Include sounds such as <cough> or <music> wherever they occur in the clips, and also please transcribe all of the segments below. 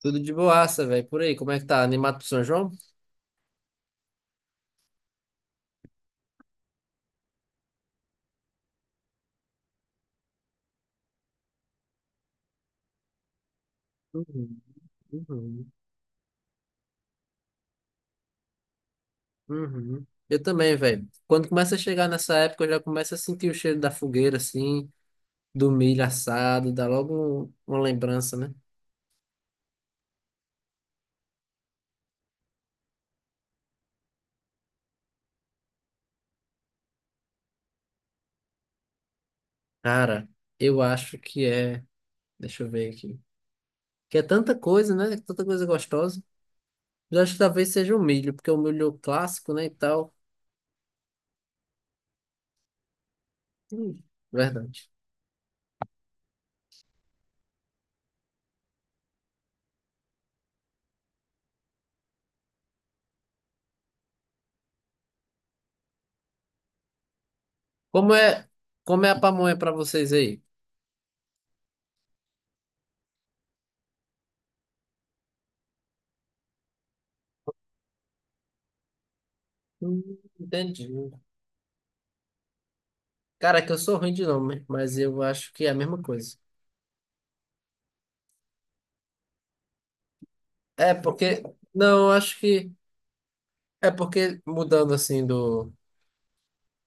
Tudo de boaça, velho. Por aí, como é que tá? Animado pro São João? Uhum, uhum, uhum. Eu também, velho. Quando começa a chegar nessa época, eu já começo a sentir o cheiro da fogueira, assim, do milho assado, dá logo uma lembrança, né? Cara, eu acho que é. Deixa eu ver aqui. Que é tanta coisa, né? Tanta coisa gostosa. Eu acho que talvez seja o milho, porque o milho é o clássico, né? E tal. Hum, verdade. Como é, como é a pamonha pra vocês aí? Entendi. Cara, é que eu sou ruim de nome, mas eu acho que é a mesma coisa. É porque. Não, eu acho que. É porque mudando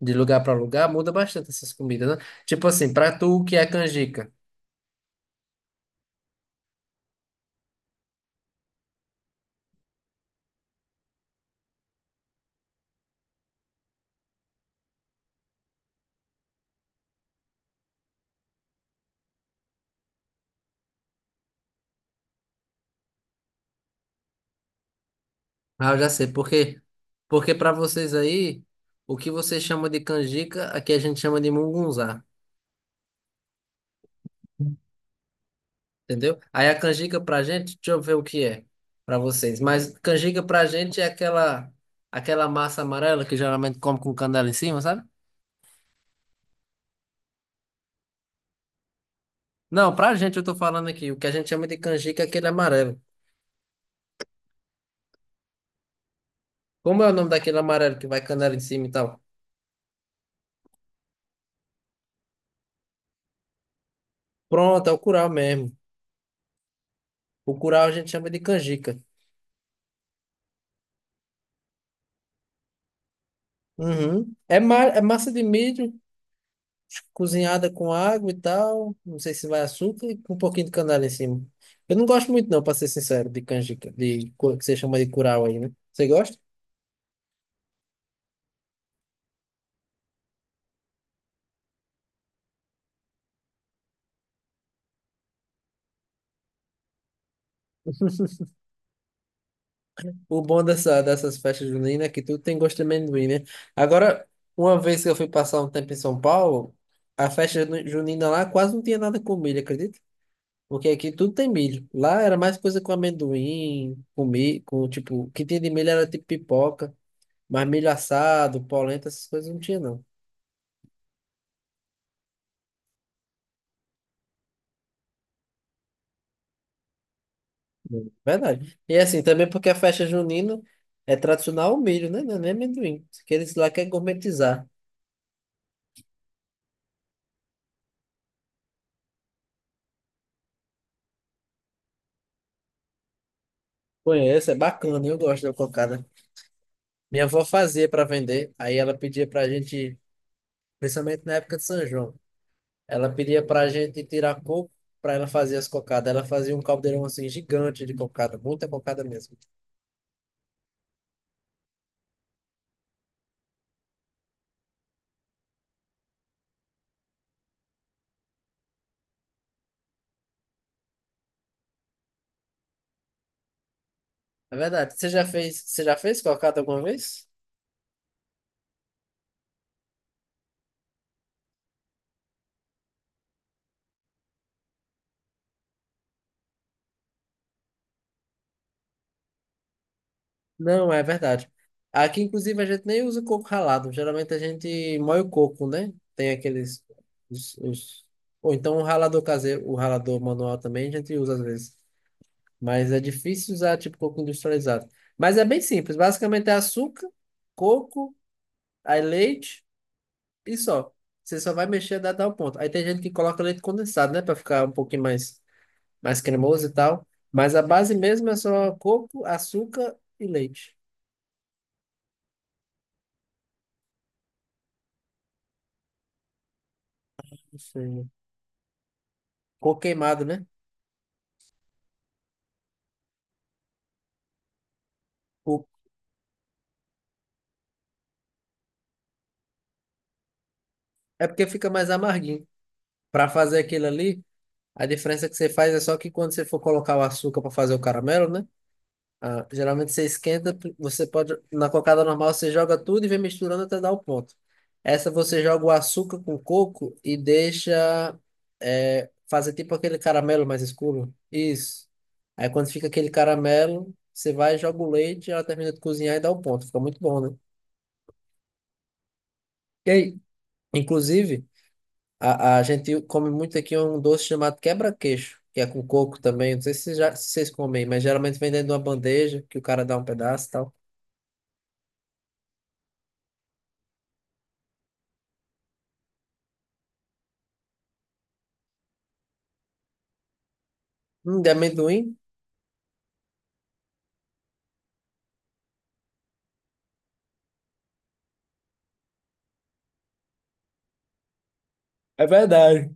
de lugar pra lugar, muda bastante essas comidas, né? Tipo assim, pra tu o que é canjica? Ah, eu já sei. Por quê? Porque pra vocês aí, o que vocês chamam de canjica, aqui a gente chama de mungunzá, entendeu? Aí a canjica pra gente, deixa eu ver o que é pra vocês. Mas canjica pra gente é aquela massa amarela que geralmente come com canela em cima, sabe? Não, pra gente eu tô falando aqui. O que a gente chama de canjica é aquele amarelo. Como é o nome daquele amarelo que vai canela em cima e tal? Pronto, é o curau mesmo. O curau a gente chama de canjica. Uhum. É, ma é massa de milho cozinhada com água e tal. Não sei se vai açúcar e com um pouquinho de canela em cima. Eu não gosto muito, não, pra ser sincero, de canjica, que você chama de curau aí, né? Você gosta? O bom dessas festas juninas é que tudo tem gosto de amendoim, né? Agora, uma vez que eu fui passar um tempo em São Paulo, a junina lá quase não tinha nada com milho, acredita? Porque aqui tudo tem milho. Lá era mais coisa com amendoim, com milho, com tipo, o que tinha de milho era tipo pipoca, mas milho assado, polenta, essas coisas não tinha, não. Hum. Verdade. E assim, também porque a festa junina é tradicional o milho, né? Não é nem amendoim. Que eles lá querem gourmetizar. Conheço, é bacana, eu gosto da cocada. Minha avó fazia para vender, aí ela pedia para a gente, principalmente na época de São João, ela pedia para a gente tirar coco para ela fazer as cocadas. Ela fazia um caldeirão assim gigante de cocada, muita cocada mesmo. É verdade. Você já fez cocada alguma vez? Não, é verdade. Aqui, inclusive, a gente nem usa o coco ralado. Geralmente a gente moe o coco, né? Tem aqueles. Os... Ou então o ralador caseiro, o ralador manual também a gente usa às vezes. Mas é difícil usar tipo coco industrializado. Mas é bem simples. Basicamente é açúcar, coco, aí leite e só. Você só vai mexer até dar o ponto. Aí tem gente que coloca leite condensado, né? Pra ficar mais cremoso e tal. Mas a base mesmo é só coco, açúcar e leite. Não sei. Coco queimado, né? O- É porque fica mais amarguinho. Pra fazer aquilo ali, a diferença que você faz é só que quando você for colocar o açúcar pra fazer o caramelo, né? Ah, geralmente você esquenta, você pode, na cocada normal você joga tudo e vem misturando até dar o ponto. Essa você joga o açúcar com coco e deixa fazer tipo aquele caramelo mais escuro. Isso. Aí quando fica aquele caramelo, você vai, joga o leite, ela termina de cozinhar e dá o ponto. Fica muito bom, né? E aí, inclusive, a gente come muito aqui um doce chamado quebra-queixo, que é com coco também. Não sei se vocês comem, mas geralmente vem dentro de uma bandeja que o cara dá um pedaço e tal. De amendoim. É verdade.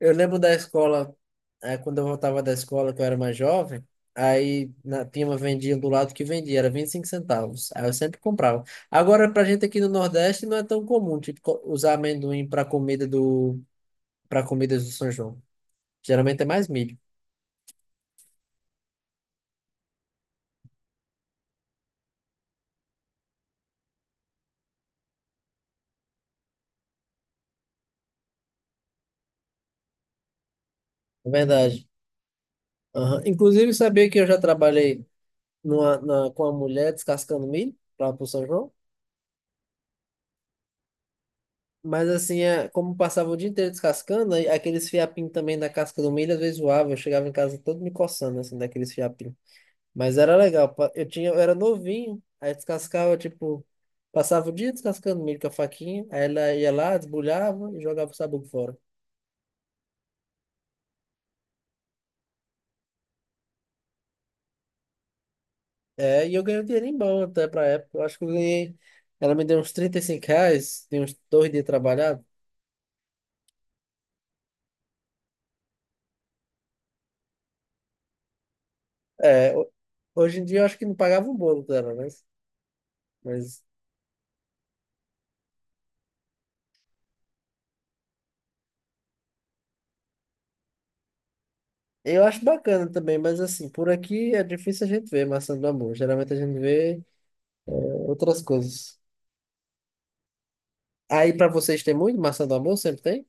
Eu lembro da escola, quando eu voltava da escola, que eu era mais jovem, tinha uma vendinha do lado que vendia, era 25 centavos. Aí eu sempre comprava. Agora, pra gente aqui no Nordeste, não é tão comum, usar amendoim para comidas do São João. Geralmente é mais milho. É verdade. Aham. Inclusive, sabia que eu já trabalhei com uma mulher descascando milho para o São João? Mas assim, é, como passava o dia inteiro descascando, aí aqueles fiapinhos também da casca do milho, às vezes zoava. Eu chegava em casa todo me coçando, assim, daqueles fiapinhos. Mas era legal. Eu tinha, eu era novinho, aí descascava, tipo, passava o dia descascando milho com a faquinha, aí ela ia lá, desbulhava e jogava o sabugo fora. É, e eu ganhei um dinheirinho bom até pra época. Eu acho que eu ganhei. Ela me deu uns R$ 35, de uns 2 dias trabalhado. É, ho- hoje em dia eu acho que não pagava o bolo dela, né? Mas eu acho bacana também, mas assim, por aqui é difícil a gente ver maçã do amor. Geralmente a gente vê outras coisas. Aí pra vocês tem muito maçã do amor? Sempre tem?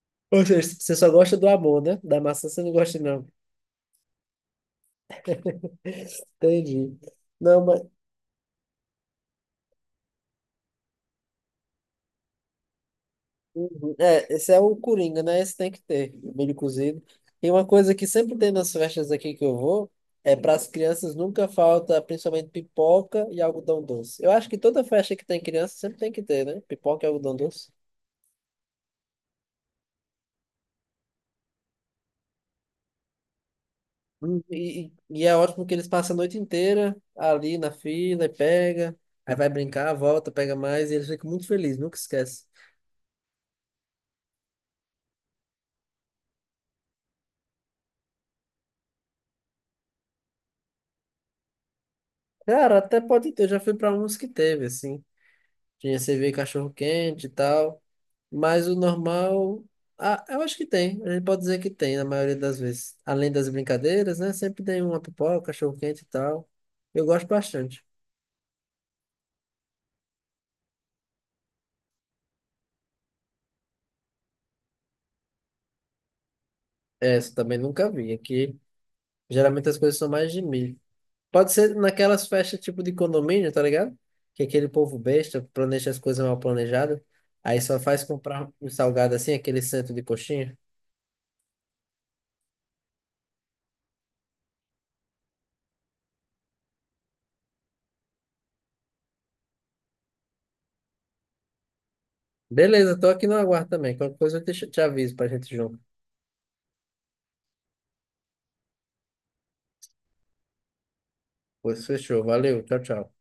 <laughs> Ou seja, você só gosta do amor, né? Da maçã você não gosta, não. <laughs> Entendi. Não, mas. Uhum. É, esse é o Coringa, né? Esse tem que ter, milho cozido. E uma coisa que sempre tem nas festas aqui que eu vou, é para as crianças nunca falta, principalmente pipoca e algodão doce. Eu acho que toda festa que tem criança sempre tem que ter, né? Pipoca e algodão doce. Hum, E, e e é ótimo que eles passam a noite inteira ali na fila e pega, aí vai brincar, volta, pega mais, e eles ficam muito felizes, nunca esquece. Cara, até pode ter, eu já fui pra uns que teve, assim. Tinha cerveja cachorro quente e tal, mas o normal, ah, eu acho que tem, a gente pode dizer que tem na maioria das vezes. Além das brincadeiras, né, sempre tem uma pipoca, cachorro quente e tal. Eu gosto bastante. Essa também nunca vi, aqui geralmente as coisas são mais de milho. Pode ser naquelas festas tipo de condomínio, tá ligado? Que aquele povo besta planeja as coisas mal planejadas. Aí só faz comprar um salgado assim, aquele centro de coxinha. Beleza, tô aqui no aguardo também. Qualquer coisa eu te aviso pra gente junto. Pois fechou, valeu, tchau, tchau.